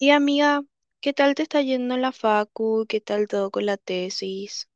Y amiga, ¿qué tal te está yendo en la facu? ¿Qué tal todo con la tesis?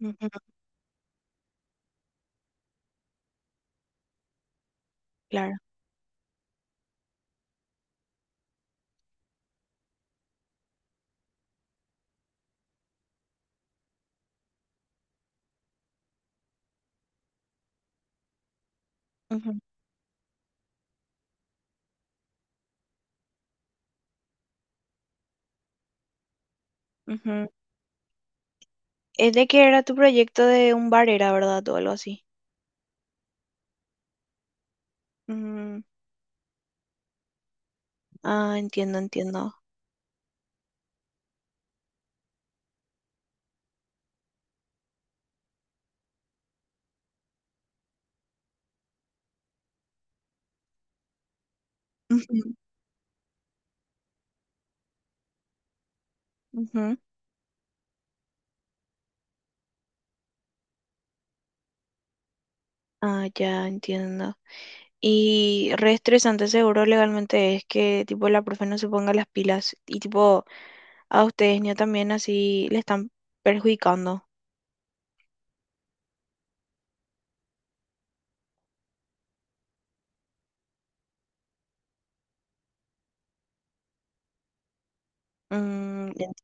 Ujú, claro. Ujú, ujú. Es de que era tu proyecto de un bar, era verdad, o algo así. Mm, ah, entiendo, entiendo. Ujú, ujú. Ah, ya entiendo. Y re estresante, seguro legalmente es que tipo la profe no se ponga las pilas y tipo a ustedes ni también así le están perjudicando. Mm,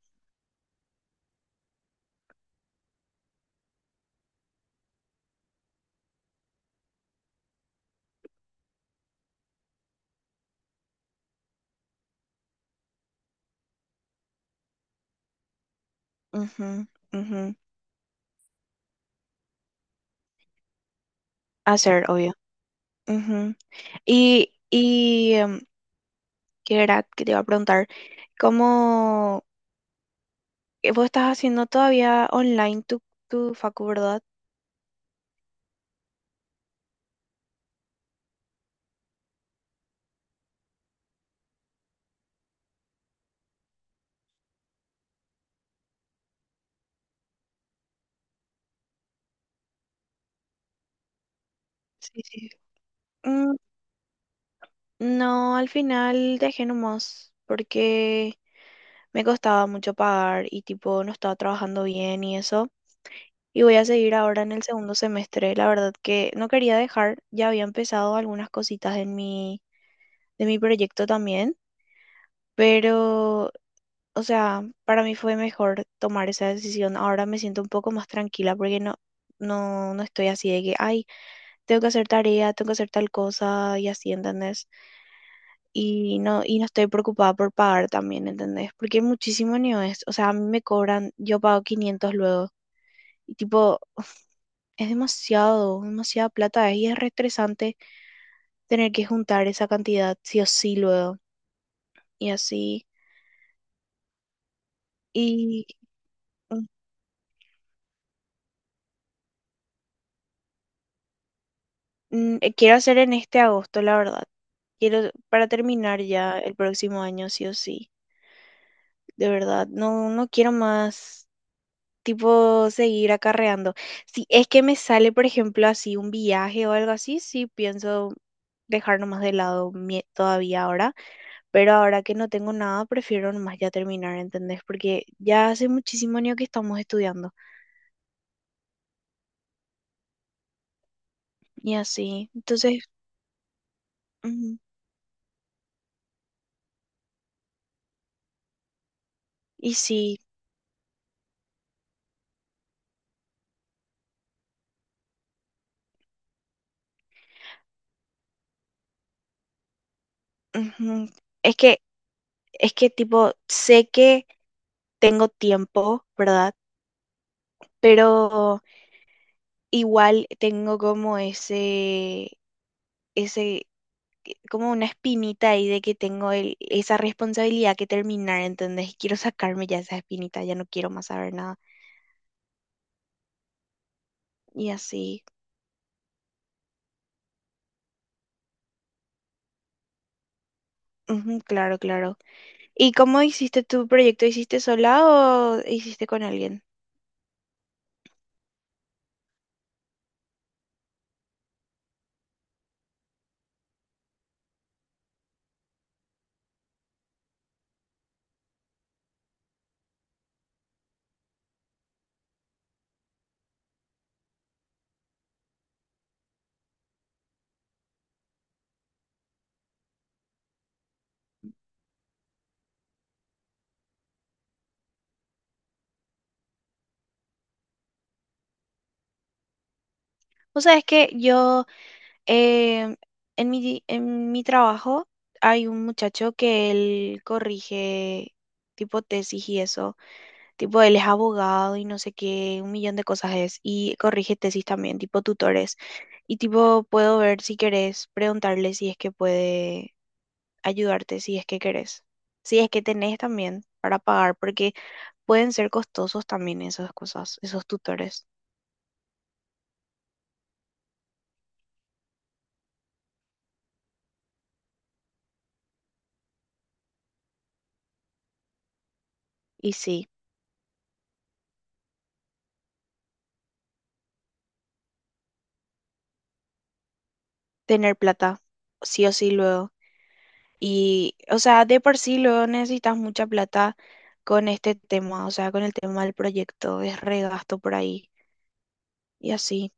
ujú, ujú. Hacer, obvio. Y, ¿qué era que te iba a preguntar? ¿Cómo vos estás haciendo todavía online tu facu, verdad? Sí, sí. Mm, no, al final dejé nomás porque me costaba mucho pagar y tipo no estaba trabajando bien y eso. Y voy a seguir ahora en el segundo semestre. La verdad que no quería dejar, ya había empezado algunas cositas en mi proyecto también, pero, o sea, para mí fue mejor tomar esa decisión. Ahora me siento un poco más tranquila porque no estoy así de que, ay, tengo que hacer tarea, tengo que hacer tal cosa y así, ¿entendés? Y no estoy preocupada por pagar también, ¿entendés? Porque muchísimo ni es. O sea, a mí me cobran, yo pago 500 luego. Y tipo, es demasiada plata y es re estresante tener que juntar esa cantidad sí o sí luego. Y así. Y mm, quiero hacer en este agosto, la verdad. Quiero, para terminar ya el próximo año, sí o sí, de verdad. No quiero más, tipo, seguir acarreando. Si es que me sale, por ejemplo, así un viaje o algo así, sí pienso dejar nomás de lado todavía ahora, pero ahora que no tengo nada, prefiero nomás ya terminar, ¿entendés? Porque ya hace muchísimo año que estamos estudiando y así, entonces, ujú, y sí, ujú. Es que, es que tipo, sé que tengo tiempo, ¿verdad? Pero igual tengo como ese, como una espinita ahí de que tengo esa responsabilidad que terminar, ¿entendés? Y quiero sacarme ya esa espinita, ya no quiero más saber nada. Y así. Ujú, claro, claro. ¿Y cómo hiciste tu proyecto? ¿Hiciste sola o hiciste con alguien? O sea, es que em, en mi trabajo hay un muchacho que él corrige tipo tesis y eso. Tipo, él es abogado y no sé qué, un millón de cosas es. Y corrige tesis también, tipo tutores. Y tipo, puedo ver si querés, preguntarle si es que puede ayudarte, si es que querés. Si es que tenés también para pagar, porque pueden ser costosos también esas cosas, esos tutores. Y sí, tener plata, sí o sí luego. Y, o sea, de por sí luego necesitas mucha plata con este tema, o sea, con el tema del proyecto, es regasto por ahí. Y así.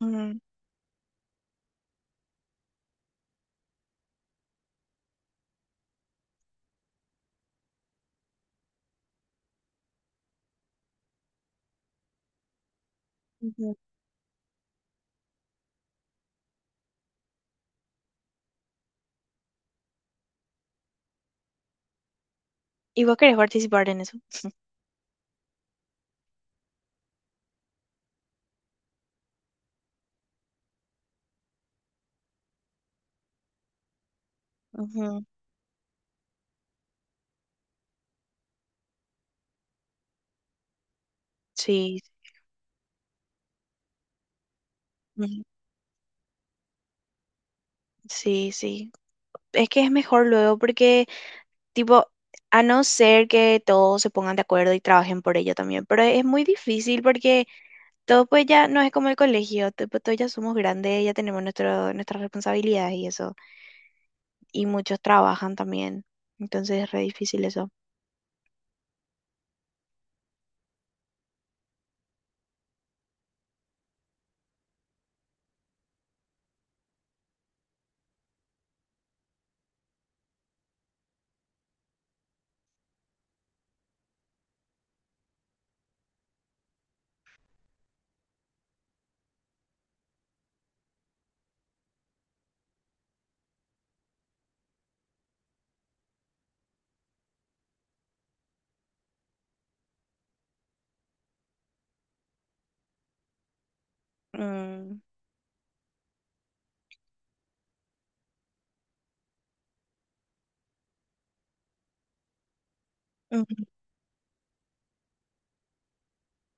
Ujú, ujú. ¿Y vos querés participar en eso? Ujú. Sí, ujú, sí, sí. Es que es mejor luego porque, tipo, a no ser que todos se pongan de acuerdo y trabajen por ello también, pero es muy difícil porque todos pues ya no es como el colegio, tipo, todos ya somos grandes, ya tenemos nuestras responsabilidades y eso, y muchos trabajan también, entonces es re difícil eso. Mm. Ujú.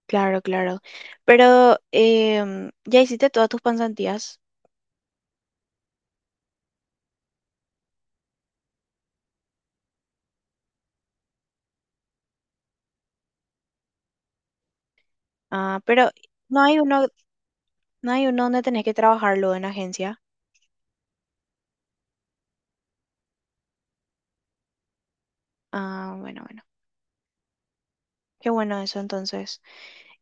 Claro, claro. Pero ya hiciste todas tus pasantías. Ah, pero no hay uno No hay uno donde tenés que trabajarlo en agencia. Ah, bueno, bueno. Qué bueno eso entonces.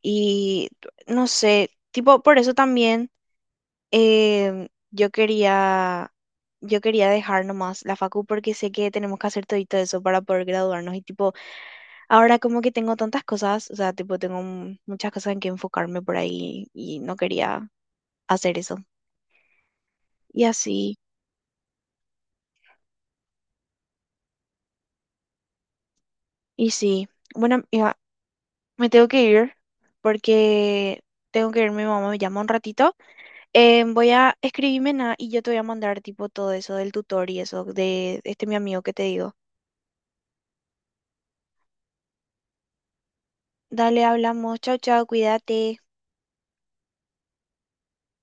Y no sé, tipo, por eso también em, yo quería, yo quería dejar nomás la facu porque sé que tenemos que hacer todito eso para poder graduarnos. Y tipo, ahora como que tengo tantas cosas, o sea, tipo, tengo muchas cosas en que enfocarme por ahí y no quería hacer eso. Y así, y sí. Bueno, amiga, me tengo que ir porque tengo que ir, mi mamá me llama un ratito. Voy a escribirme nada y yo te voy a mandar tipo todo eso del tutor y eso de este mi amigo que te digo. Dale, hablamos. Chao, chao, cuídate.